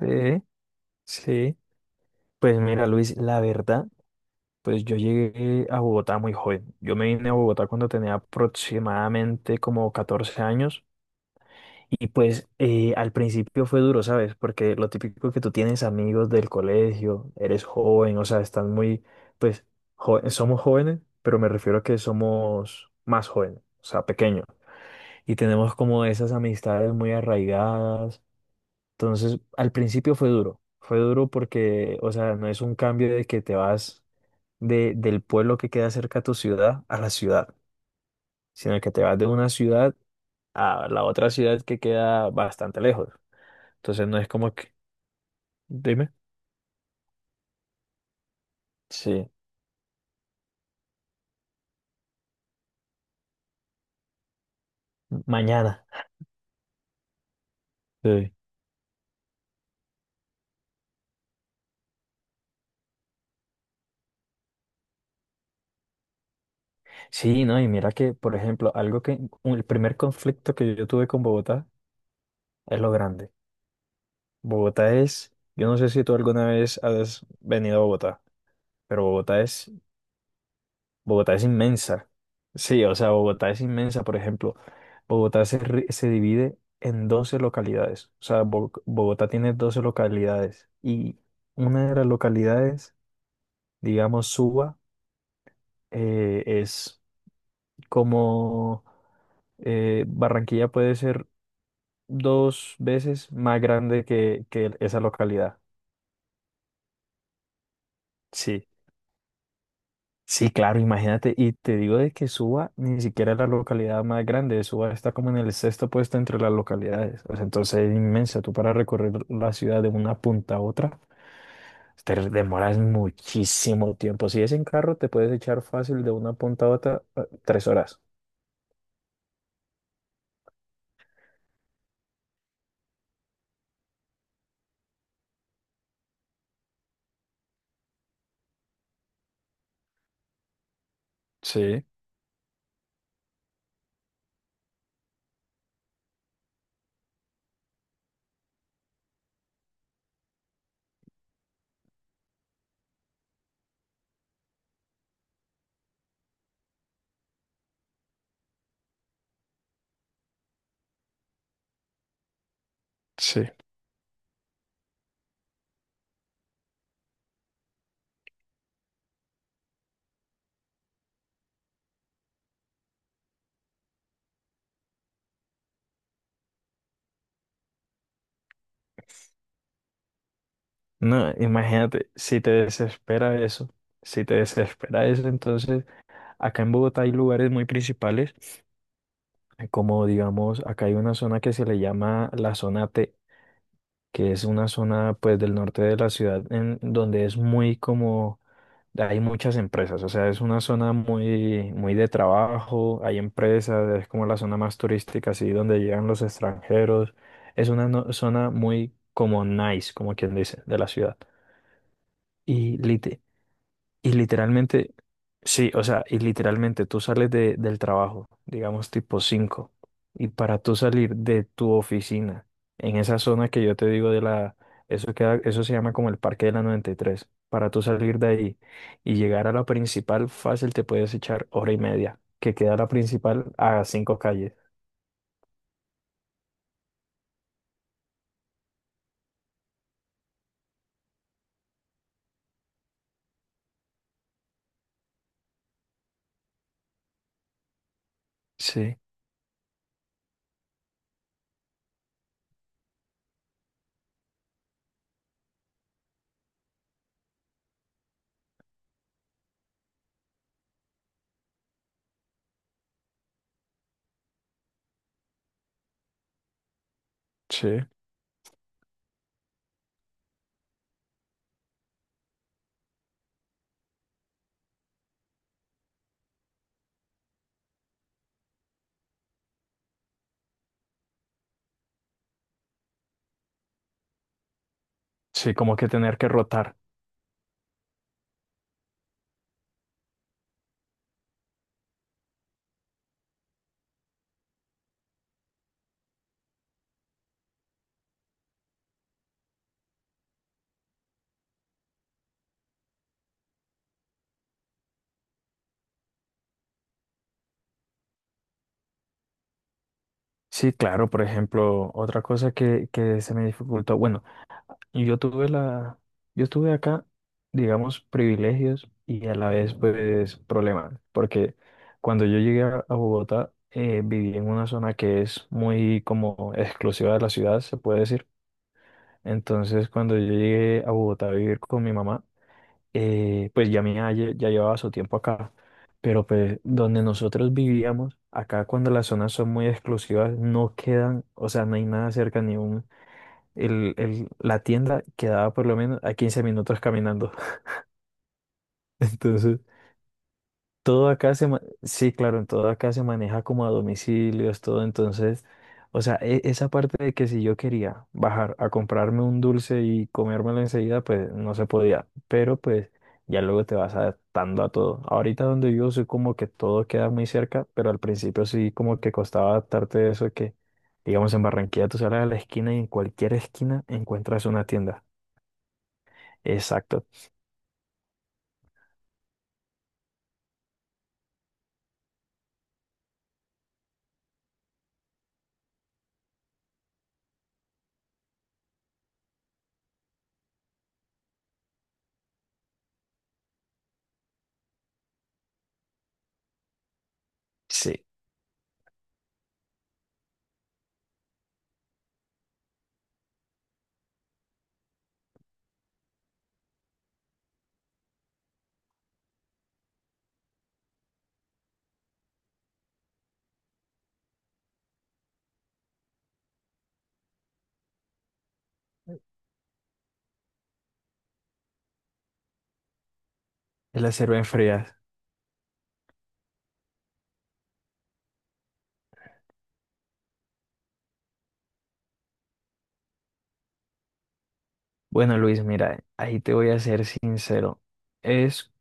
Sí, sí. Pues mira, Luis, la verdad, pues yo llegué a Bogotá muy joven. Yo me vine a Bogotá cuando tenía aproximadamente como 14 años y pues al principio fue duro, ¿sabes? Porque lo típico, que tú tienes amigos del colegio, eres joven, o sea, estás muy, pues somos jóvenes, pero me refiero a que somos más jóvenes, o sea, pequeños. Y tenemos como esas amistades muy arraigadas. Entonces, al principio fue duro porque, o sea, no es un cambio de que te vas del pueblo que queda cerca a tu ciudad a la ciudad, sino que te vas de una ciudad a la otra ciudad que queda bastante lejos. Entonces, no es como que, dime, sí, mañana. Sí. Sí, no, y mira que, por ejemplo, el primer conflicto que yo tuve con Bogotá es lo grande. Bogotá es, yo no sé si tú alguna vez has venido a Bogotá, pero Bogotá es inmensa. Sí, o sea, Bogotá es inmensa. Por ejemplo, se divide en 12 localidades. O sea, Bogotá tiene 12 localidades. Y una de las localidades, digamos, Suba, es como Barranquilla puede ser 2 veces más grande que esa localidad. Sí. Sí, claro, imagínate, y te digo de que Suba ni siquiera es la localidad más grande, Suba está como en el sexto puesto entre las localidades, o sea, entonces es inmensa. Tú para recorrer la ciudad de una punta a otra, te demoras muchísimo tiempo, si es en carro te puedes echar fácil de una punta a otra 3 horas. Sí, sí. No, imagínate, si te desespera eso, entonces acá en Bogotá hay lugares muy principales, como digamos, acá hay una zona que se le llama la zona T, que es una zona pues del norte de la ciudad en donde es muy como hay muchas empresas. O sea, es una zona muy muy de trabajo, hay empresas, es como la zona más turística, así donde llegan los extranjeros. Es una zona muy como nice, como quien dice, de la ciudad. Y lite- y literalmente, sí, o sea, y literalmente tú sales del trabajo, digamos tipo cinco, y para tú salir de tu oficina, en esa zona que yo te digo de la, eso queda, eso se llama como el Parque de la 93, para tú salir de ahí y llegar a la principal fácil te puedes echar 1 hora y media, que queda la principal a 5 calles. Sí, sí, sí, como que tener que rotar. Sí, claro, por ejemplo, otra que se me dificultó, bueno, y yo tuve la, yo tuve acá, digamos, privilegios y a la vez, pues, problemas, porque cuando yo llegué a Bogotá, viví en una zona que es muy como exclusiva de la ciudad, se puede decir. Entonces, cuando yo llegué a Bogotá a vivir con mi mamá, pues ya mi mamá ya llevaba su tiempo acá, pero pues donde nosotros vivíamos, acá cuando las zonas son muy exclusivas, no quedan, o sea, no hay nada cerca, ni un la tienda quedaba por lo menos a 15 minutos caminando. Entonces, todo acá se, sí, claro, en todo acá se maneja como a domicilios, todo. Entonces, o sea, esa parte de que si yo quería bajar a comprarme un dulce y comérmelo enseguida, pues no se podía. Pero pues ya luego te vas adaptando a todo. Ahorita donde yo soy como que todo queda muy cerca, pero al principio sí como que costaba adaptarte a eso que, digamos, en Barranquilla tú sales a la esquina y en cualquier esquina encuentras una tienda. Exacto. Sí, el las en frías. Bueno, Luis, mira, ahí te voy a ser sincero. Es,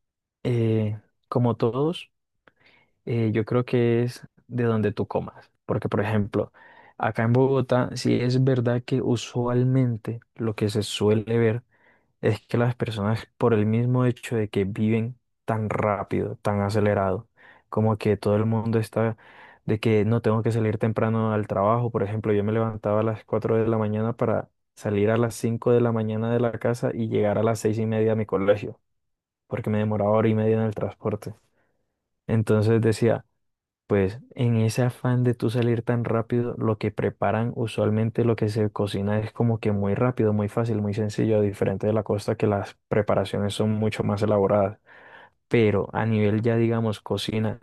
eh, como todos, yo creo que es de donde tú comas. Porque, por ejemplo, acá en Bogotá, sí es verdad que usualmente lo que se suele ver es que las personas, por el mismo hecho de que viven tan rápido, tan acelerado, como que todo el mundo está de que no tengo que salir temprano al trabajo. Por ejemplo, yo me levantaba a las 4 de la mañana para salir a las 5 de la mañana de la casa y llegar a las 6:30 a mi colegio, porque me demoraba 1 hora y media en el transporte. Entonces decía, pues en ese afán de tú salir tan rápido, lo que preparan usualmente, lo que se cocina es como que muy rápido, muy fácil, muy sencillo, diferente de la costa que las preparaciones son mucho más elaboradas. Pero a nivel ya digamos cocina,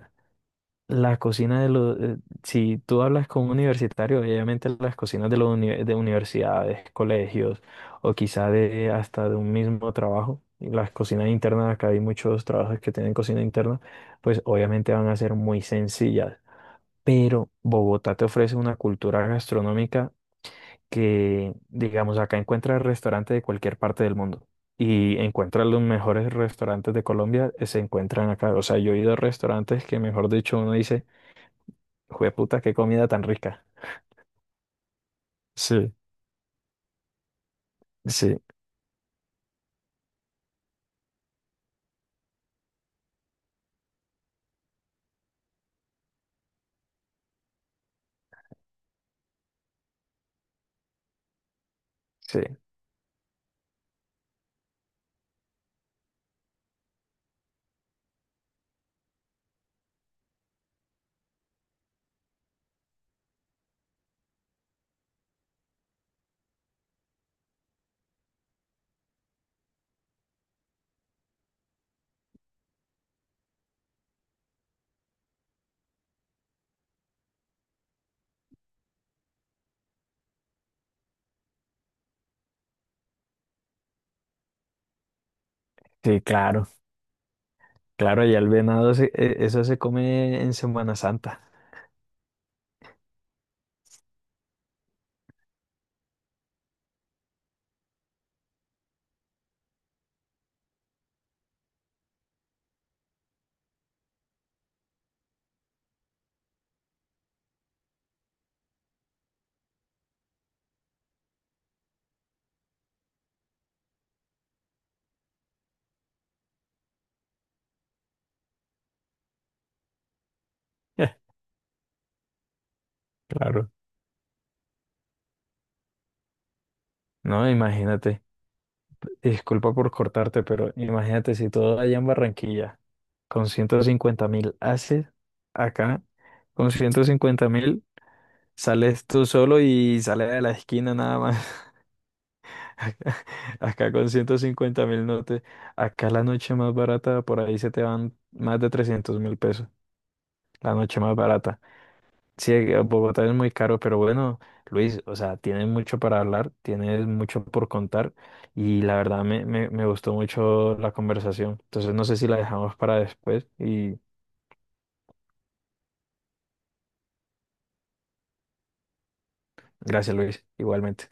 la cocina de los, si tú hablas con un universitario, obviamente las cocinas de los de universidades, colegios o quizá de hasta de un mismo trabajo, y las cocinas internas, acá hay muchos trabajos que tienen cocina interna, pues obviamente van a ser muy sencillas, pero Bogotá te ofrece una cultura gastronómica que, digamos, acá encuentras restaurantes de cualquier parte del mundo y encuentras los mejores restaurantes de Colombia, se encuentran acá. O sea, yo he ido a restaurantes que, mejor dicho, uno dice, jueputa, qué comida tan rica. Sí, sí, sí, sí, claro, claro, allá el venado, eso se come en Semana Santa. Claro. No, imagínate, disculpa por cortarte, pero imagínate si todo allá en Barranquilla. Con 150.000 haces acá. Con 150.000 sales tú solo y sales de la esquina nada más. Acá con ciento cincuenta mil no te... Acá la noche más barata, por ahí se te van más de $300.000. La noche más barata. Sí, Bogotá es muy caro, pero bueno, Luis, o sea, tienes mucho para hablar, tienes mucho por contar y la verdad me gustó mucho la conversación. Entonces no sé si la dejamos para después. Y gracias, Luis, igualmente.